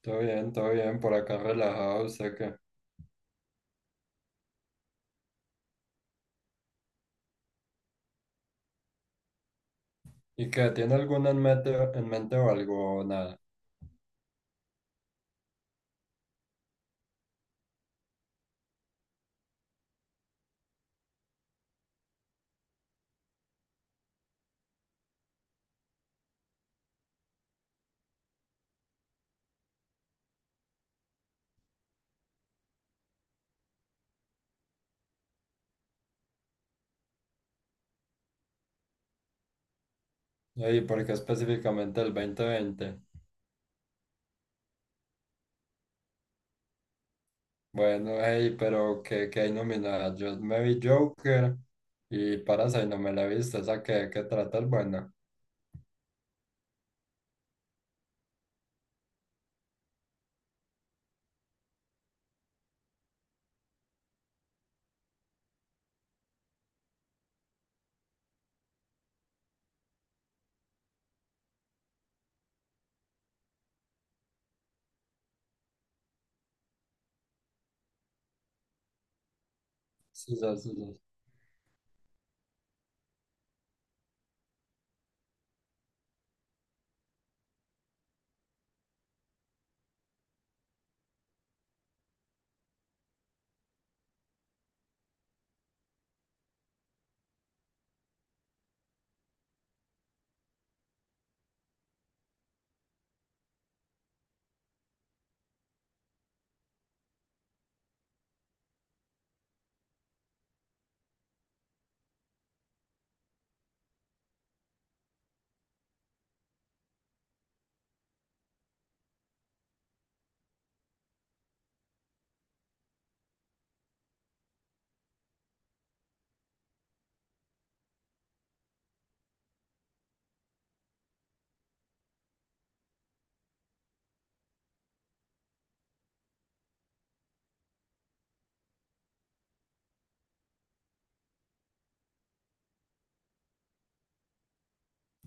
Todo bien, por acá relajado, sé que. ¿Y qué? ¿Tiene alguna en mente, o algo o nada? Ey, ¿por qué específicamente el 2020? Bueno, hey, pero ¿qué hay nominada? Yo me vi Joker y Parasite no me la he visto, esa que trata el bueno. Sí, sí, sí, sí.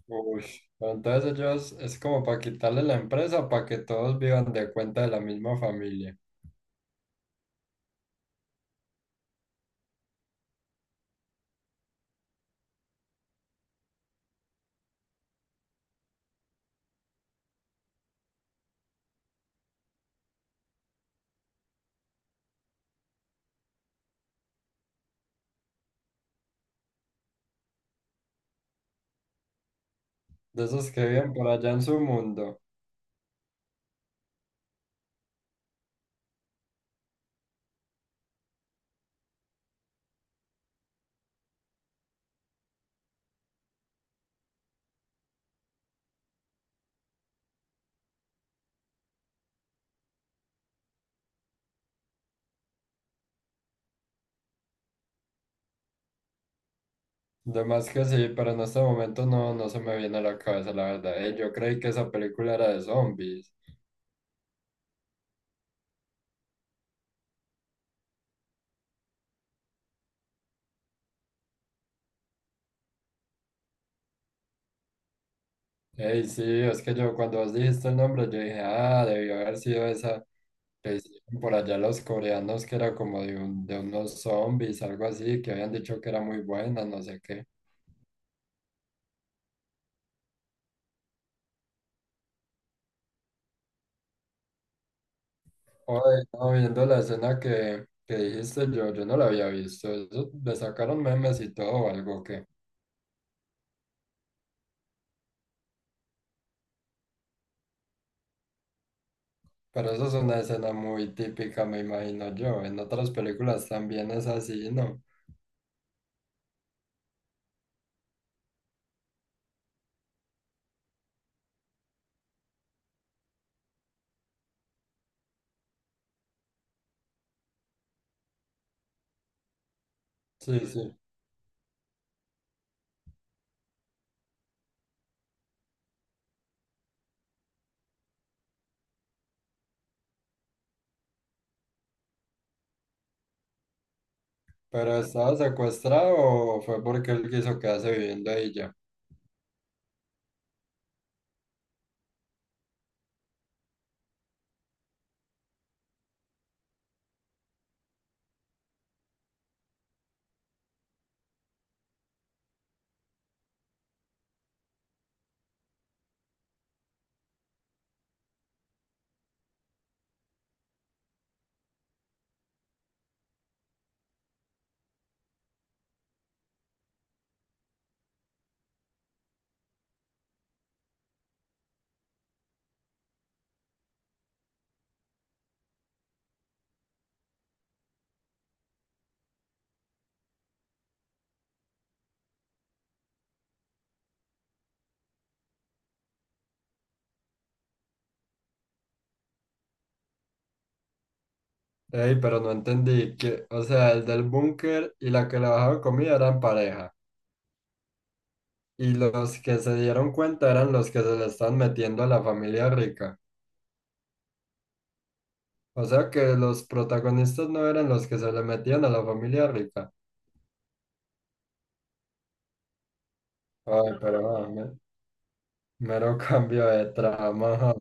Uy, pero entonces ellos es como para quitarle la empresa para que todos vivan de cuenta de la misma familia. De esos que viven por allá en su mundo. De que sí, pero en este momento no se me viene a la cabeza, la verdad. Ey, yo creí que esa película era de zombies. Ey, sí, es que yo cuando vos dijiste el nombre, yo dije, ah, debió haber sido esa que hicieron por allá los coreanos, que era como de, de unos zombies, algo así, que habían dicho que era muy buena, no sé qué. Oye, no, viendo la escena que dijiste, yo no la había visto. Eso, le sacaron memes y todo, o algo que. Pero eso es una escena muy típica, me imagino yo. En otras películas también es así, ¿no? Sí, sí. ¿Pero estaba secuestrado o fue porque él quiso quedarse viviendo ahí ya? Ey, pero no entendí que, o sea, el del búnker y la que le bajaba comida eran pareja. Y los que se dieron cuenta eran los que se le están metiendo a la familia rica. O sea que los protagonistas no eran los que se le metían a la familia rica. Ay, pero mero cambio de trama. Ajá.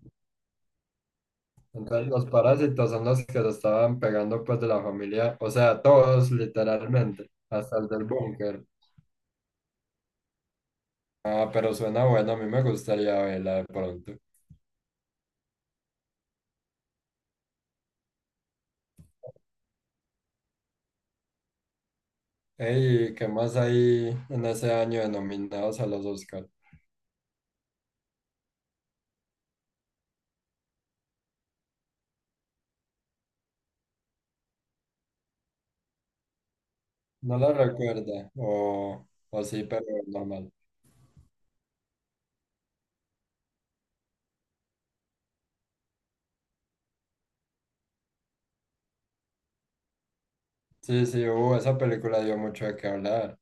Entonces los parásitos son los que se estaban pegando pues de la familia, o sea, todos literalmente, hasta el del búnker. Ah, pero suena bueno, a mí me gustaría verla de pronto. Ey, ¿qué más hay en ese año de nominados a los Oscar? No la recuerda, o sí, pero normal. Sí, sí, esa película dio mucho de qué hablar.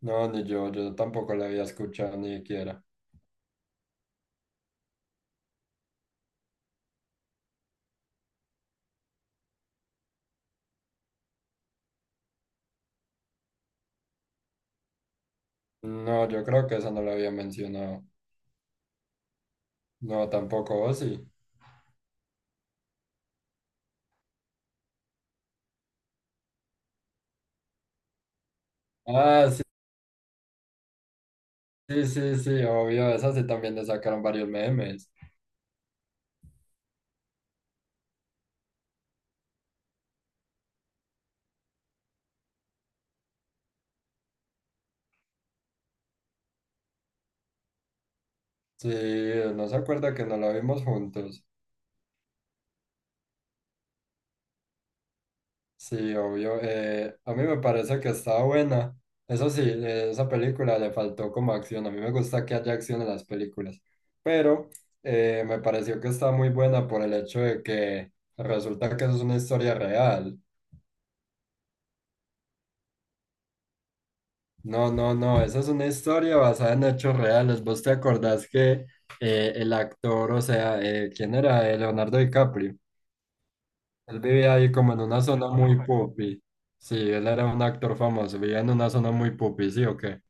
No, ni yo, yo tampoco la había escuchado ni siquiera. No, yo creo que esa no la había mencionado. No, tampoco, o sí. Ah, sí, sí, sí, sí, obvio, esa sí también le sacaron varios memes. Sí, no se acuerda que no la vimos juntos. Sí, obvio. A mí me parece que está buena. Eso sí, esa película le faltó como acción. A mí me gusta que haya acción en las películas. Pero me pareció que está muy buena por el hecho de que resulta que eso es una historia real. No, no, no. Esa es una historia basada en hechos reales. ¿Vos te acordás que el actor, o sea, ¿quién era? Leonardo DiCaprio. Él vivía ahí como en una zona muy pupi. Sí, él era un actor famoso. Vivía en una zona muy pupi, ¿sí o qué?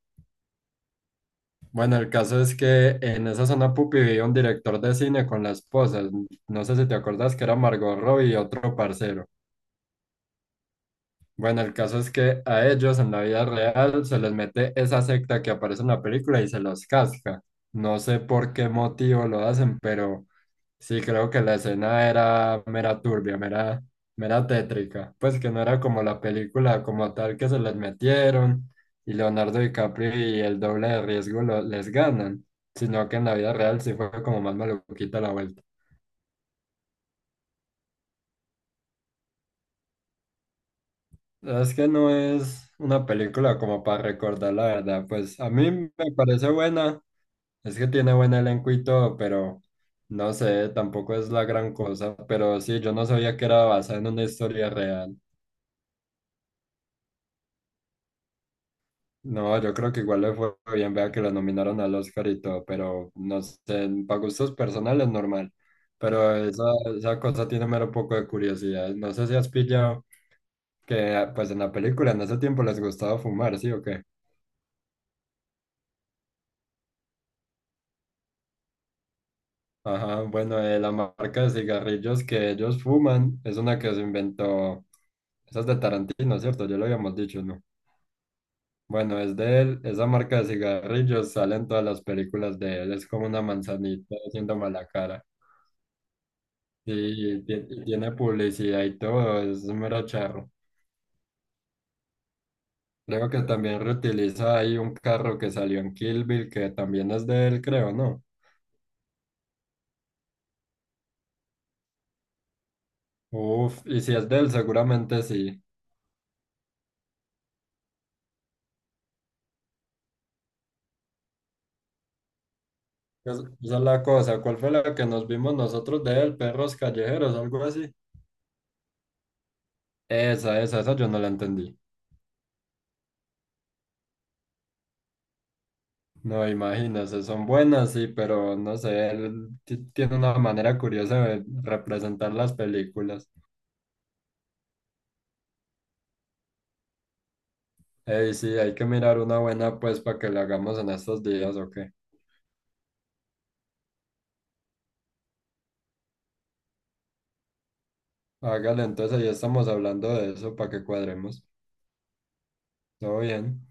Bueno, el caso es que en esa zona pupi vivía un director de cine con la esposa. No sé si te acuerdas que era Margot Robbie y otro parcero. Bueno, el caso es que a ellos en la vida real se les mete esa secta que aparece en la película y se los casca. No sé por qué motivo lo hacen, pero sí creo que la escena era mera turbia, mera, mera tétrica. Pues que no era como la película como tal que se les metieron y Leonardo DiCaprio y el doble de riesgo les ganan, sino que en la vida real sí fue como más maluquita la vuelta. La verdad es que no es una película como para recordar, la verdad. Pues a mí me parece buena, es que tiene buen elenco y todo, pero no sé, tampoco es la gran cosa. Pero sí, yo no sabía que era basada en una historia real. No, yo creo que igual le fue bien, vea que la nominaron al Oscar y todo, pero no sé, para gustos personales normal. Pero esa cosa tiene mero poco de curiosidad. No sé si has pillado que ah, pues en la película en ese tiempo les gustaba fumar, ¿sí o qué? Ajá, bueno, la marca de cigarrillos que ellos fuman es una que se inventó, esa es de Tarantino, ¿cierto? Ya lo habíamos dicho, ¿no? Bueno, es de él, esa marca de cigarrillos sale en todas las películas de él, es como una manzanita haciendo mala cara. Sí. Y tiene publicidad y todo, es un mero charro. Creo que también reutiliza ahí un carro que salió en Kill Bill, que también es de él, creo, ¿no? Uf, y si es de él, seguramente sí. Esa es la cosa. ¿Cuál fue la que nos vimos nosotros de él? Perros callejeros, algo así. Esa, yo no la entendí. No, imagínese, son buenas, sí, pero no sé, él tiene una manera curiosa de representar las películas. Ey, sí, hay que mirar una buena, pues, para que la hagamos en estos días, ¿o qué? Hágale, entonces ahí estamos hablando de eso para que cuadremos. Todo bien.